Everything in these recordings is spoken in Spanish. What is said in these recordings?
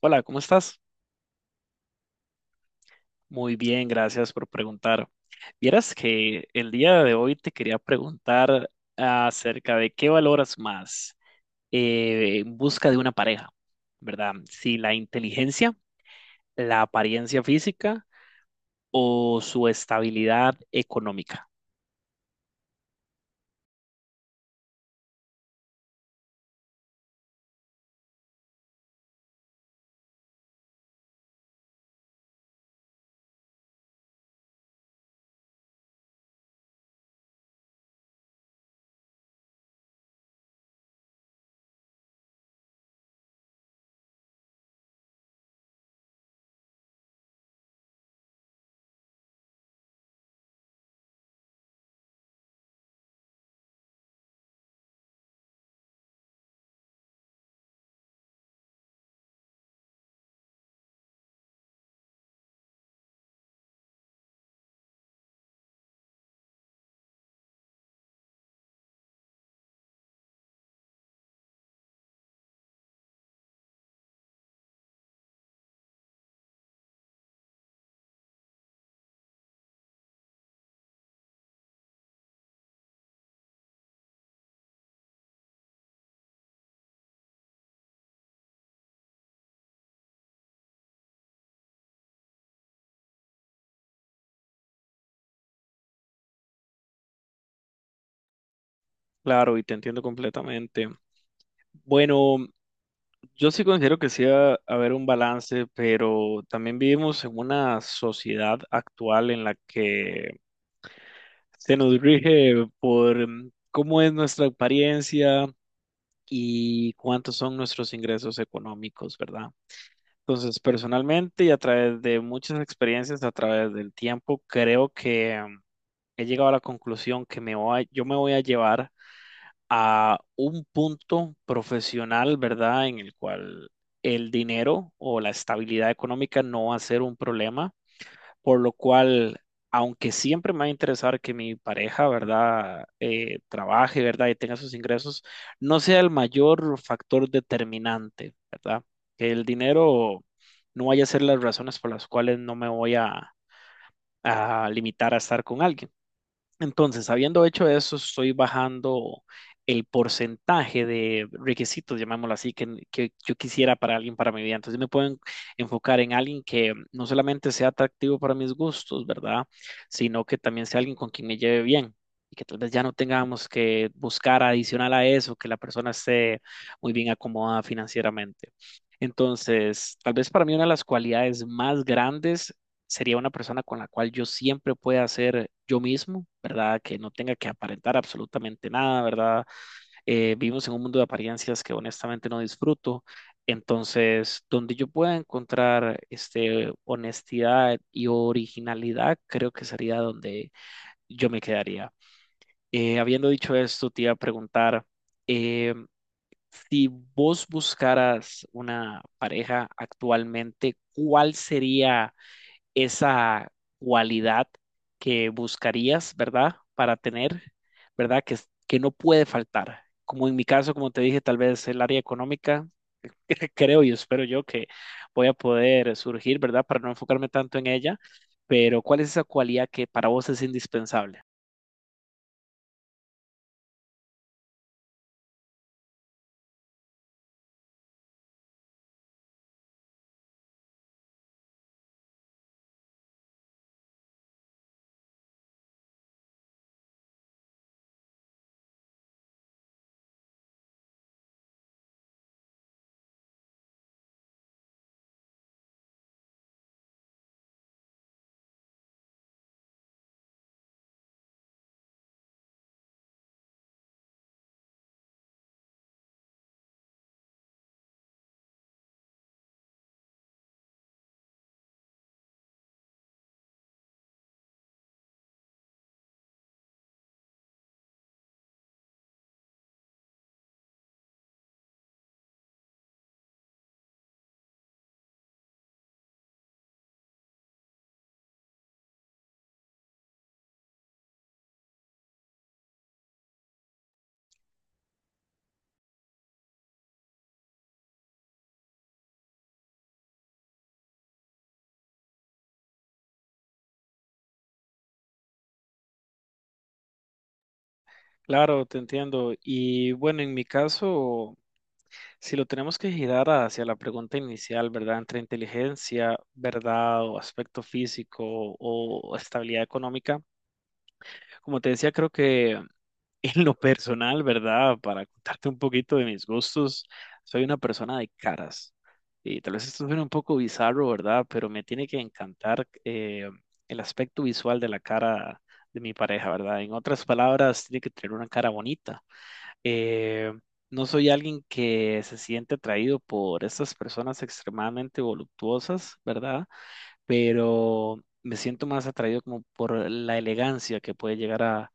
Hola, ¿cómo estás? Muy bien, gracias por preguntar. Vieras que el día de hoy te quería preguntar acerca de qué valoras más en busca de una pareja, ¿verdad? Si la inteligencia, la apariencia física o su estabilidad económica. Claro, y te entiendo completamente. Bueno, yo sí considero que sí va a haber un balance, pero también vivimos en una sociedad actual en la que se nos rige por cómo es nuestra apariencia y cuántos son nuestros ingresos económicos, ¿verdad? Entonces, personalmente y a través de muchas experiencias, a través del tiempo, creo que he llegado a la conclusión que yo me voy a llevar a un punto profesional, ¿verdad? En el cual el dinero o la estabilidad económica no va a ser un problema, por lo cual, aunque siempre me va a interesar que mi pareja, ¿verdad?, trabaje, ¿verdad?, y tenga sus ingresos, no sea el mayor factor determinante, ¿verdad? Que el dinero no vaya a ser las razones por las cuales no me voy a limitar a estar con alguien. Entonces, habiendo hecho eso, estoy bajando el porcentaje de requisitos, llamémoslo así, que yo quisiera para alguien para mi vida. Entonces, me puedo enfocar en alguien que no solamente sea atractivo para mis gustos, ¿verdad? Sino que también sea alguien con quien me lleve bien y que tal vez ya no tengamos que buscar adicional a eso, que la persona esté muy bien acomodada financieramente. Entonces, tal vez para mí una de las cualidades más grandes sería una persona con la cual yo siempre pueda ser yo mismo, ¿verdad? Que no tenga que aparentar absolutamente nada, ¿verdad? Vivimos en un mundo de apariencias que honestamente no disfruto. Entonces, donde yo pueda encontrar este, honestidad y originalidad, creo que sería donde yo me quedaría. Habiendo dicho esto, te iba a preguntar, eh, si vos buscaras una pareja actualmente, ¿cuál sería esa cualidad que buscarías, ¿verdad? Para tener, ¿verdad? Que, que no puede faltar. Como en mi caso, como te dije, tal vez el área económica, creo y espero yo que voy a poder surgir, ¿verdad? Para no enfocarme tanto en ella, pero ¿cuál es esa cualidad que para vos es indispensable? Claro, te entiendo. Y bueno, en mi caso, si lo tenemos que girar hacia la pregunta inicial, ¿verdad? Entre inteligencia, ¿verdad? O aspecto físico o estabilidad económica. Como te decía, creo que en lo personal, ¿verdad? Para contarte un poquito de mis gustos, soy una persona de caras. Y tal vez esto suene un poco bizarro, ¿verdad? Pero me tiene que encantar el aspecto visual de la cara de mi pareja, ¿verdad? En otras palabras, tiene que tener una cara bonita. Eh, no soy alguien que se siente atraído por estas personas extremadamente voluptuosas, ¿verdad? Pero me siento más atraído como por la elegancia que puede llegar a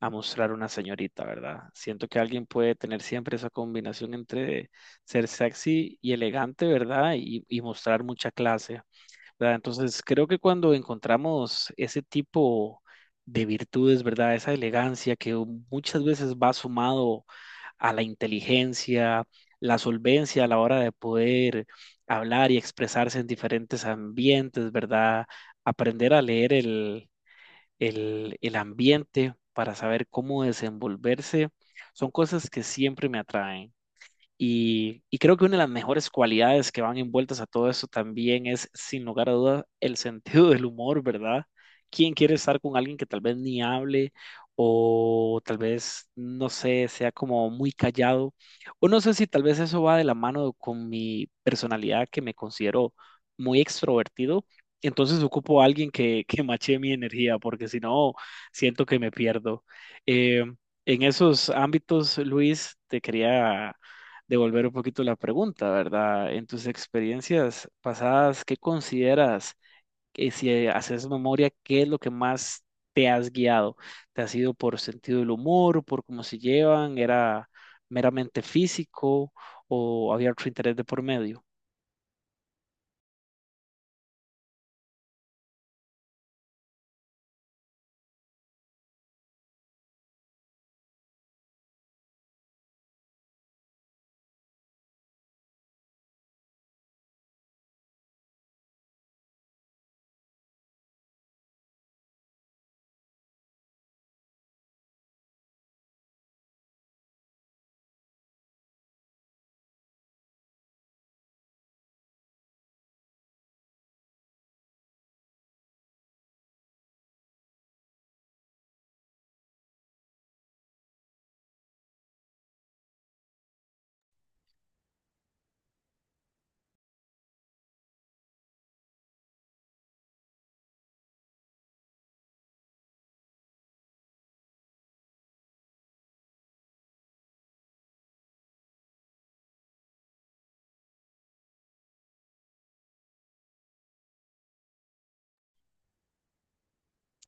mostrar una señorita, ¿verdad? Siento que alguien puede tener siempre esa combinación entre ser sexy y elegante, ¿verdad? Y mostrar mucha clase, ¿verdad? Entonces, creo que cuando encontramos ese tipo de virtudes, ¿verdad? Esa elegancia que muchas veces va sumado a la inteligencia, la solvencia a la hora de poder hablar y expresarse en diferentes ambientes, ¿verdad? Aprender a leer el ambiente, para saber cómo desenvolverse, son cosas que siempre me atraen. Y creo que una de las mejores cualidades que van envueltas a todo eso también es, sin lugar a dudas, el sentido del humor, ¿verdad? ¿Quién quiere estar con alguien que tal vez ni hable o tal vez, no sé, sea como muy callado? O no sé si tal vez eso va de la mano con mi personalidad, que me considero muy extrovertido. Entonces ocupo a alguien que mache mi energía porque si no, siento que me pierdo. Eh, en esos ámbitos, Luis, te quería devolver un poquito la pregunta, ¿verdad? En tus experiencias pasadas, ¿qué consideras que si haces memoria, qué es lo que más te has guiado? ¿Te has ido por sentido del humor, por cómo se llevan? ¿Era meramente físico o había otro interés de por medio?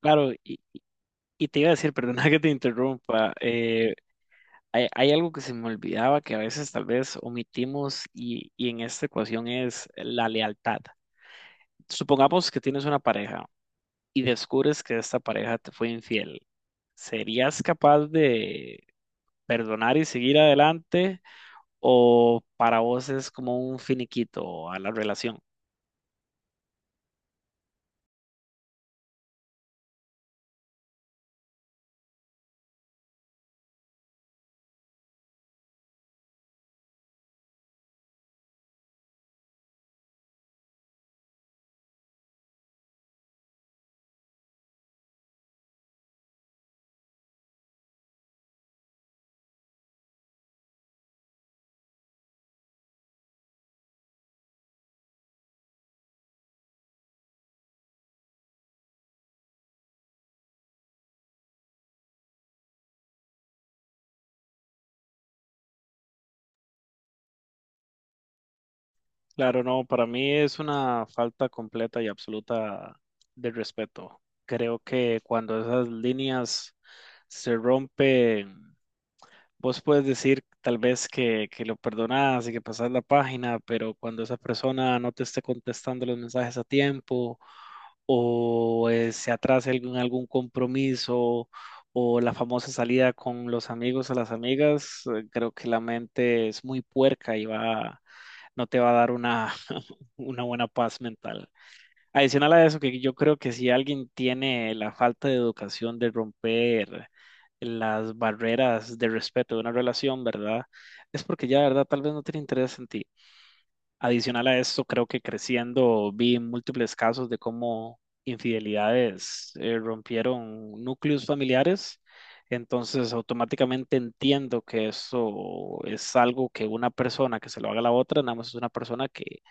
Claro, y te iba a decir, perdona que te interrumpa, hay algo que se me olvidaba que a veces tal vez omitimos y en esta ecuación es la lealtad. Supongamos que tienes una pareja y descubres que esta pareja te fue infiel, ¿serías capaz de perdonar y seguir adelante? ¿O para vos es como un finiquito a la relación? Claro, no, para mí es una falta completa y absoluta de respeto. Creo que cuando esas líneas se rompen, vos puedes decir tal vez que lo perdonás y que pasás la página, pero cuando esa persona no te esté contestando los mensajes a tiempo o se atrase algún compromiso o la famosa salida con los amigos o las amigas, creo que la mente es muy puerca y va, no te va a dar una, una buena paz mental. Adicional a eso, que yo creo que si alguien tiene la falta de educación de romper las barreras de respeto de una relación, ¿verdad? Es porque ya, ¿verdad? Tal vez no tiene interés en ti. Adicional a esto, creo que creciendo vi múltiples casos de cómo infidelidades rompieron núcleos familiares. Entonces, automáticamente entiendo que eso es algo que una persona que se lo haga a la otra, nada más es una persona que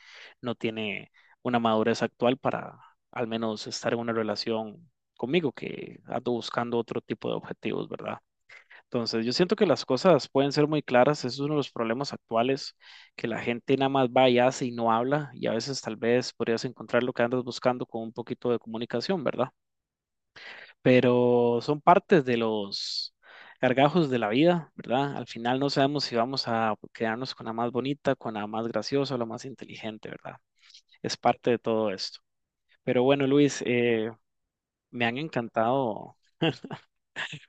no tiene una madurez actual para al menos estar en una relación conmigo, que ando buscando otro tipo de objetivos, ¿verdad? Entonces, yo siento que las cosas pueden ser muy claras, eso es uno de los problemas actuales, que la gente nada más va y hace y no habla, y a veces tal vez podrías encontrar lo que andas buscando con un poquito de comunicación, ¿verdad? Pero son partes de los gargajos de la vida, ¿verdad? Al final no sabemos si vamos a quedarnos con la más bonita, con la más graciosa o la más inteligente, ¿verdad? Es parte de todo esto. Pero bueno, Luis, me han encantado,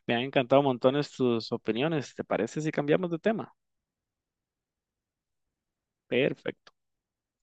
me han encantado montones tus opiniones. ¿Te parece si cambiamos de tema? Perfecto.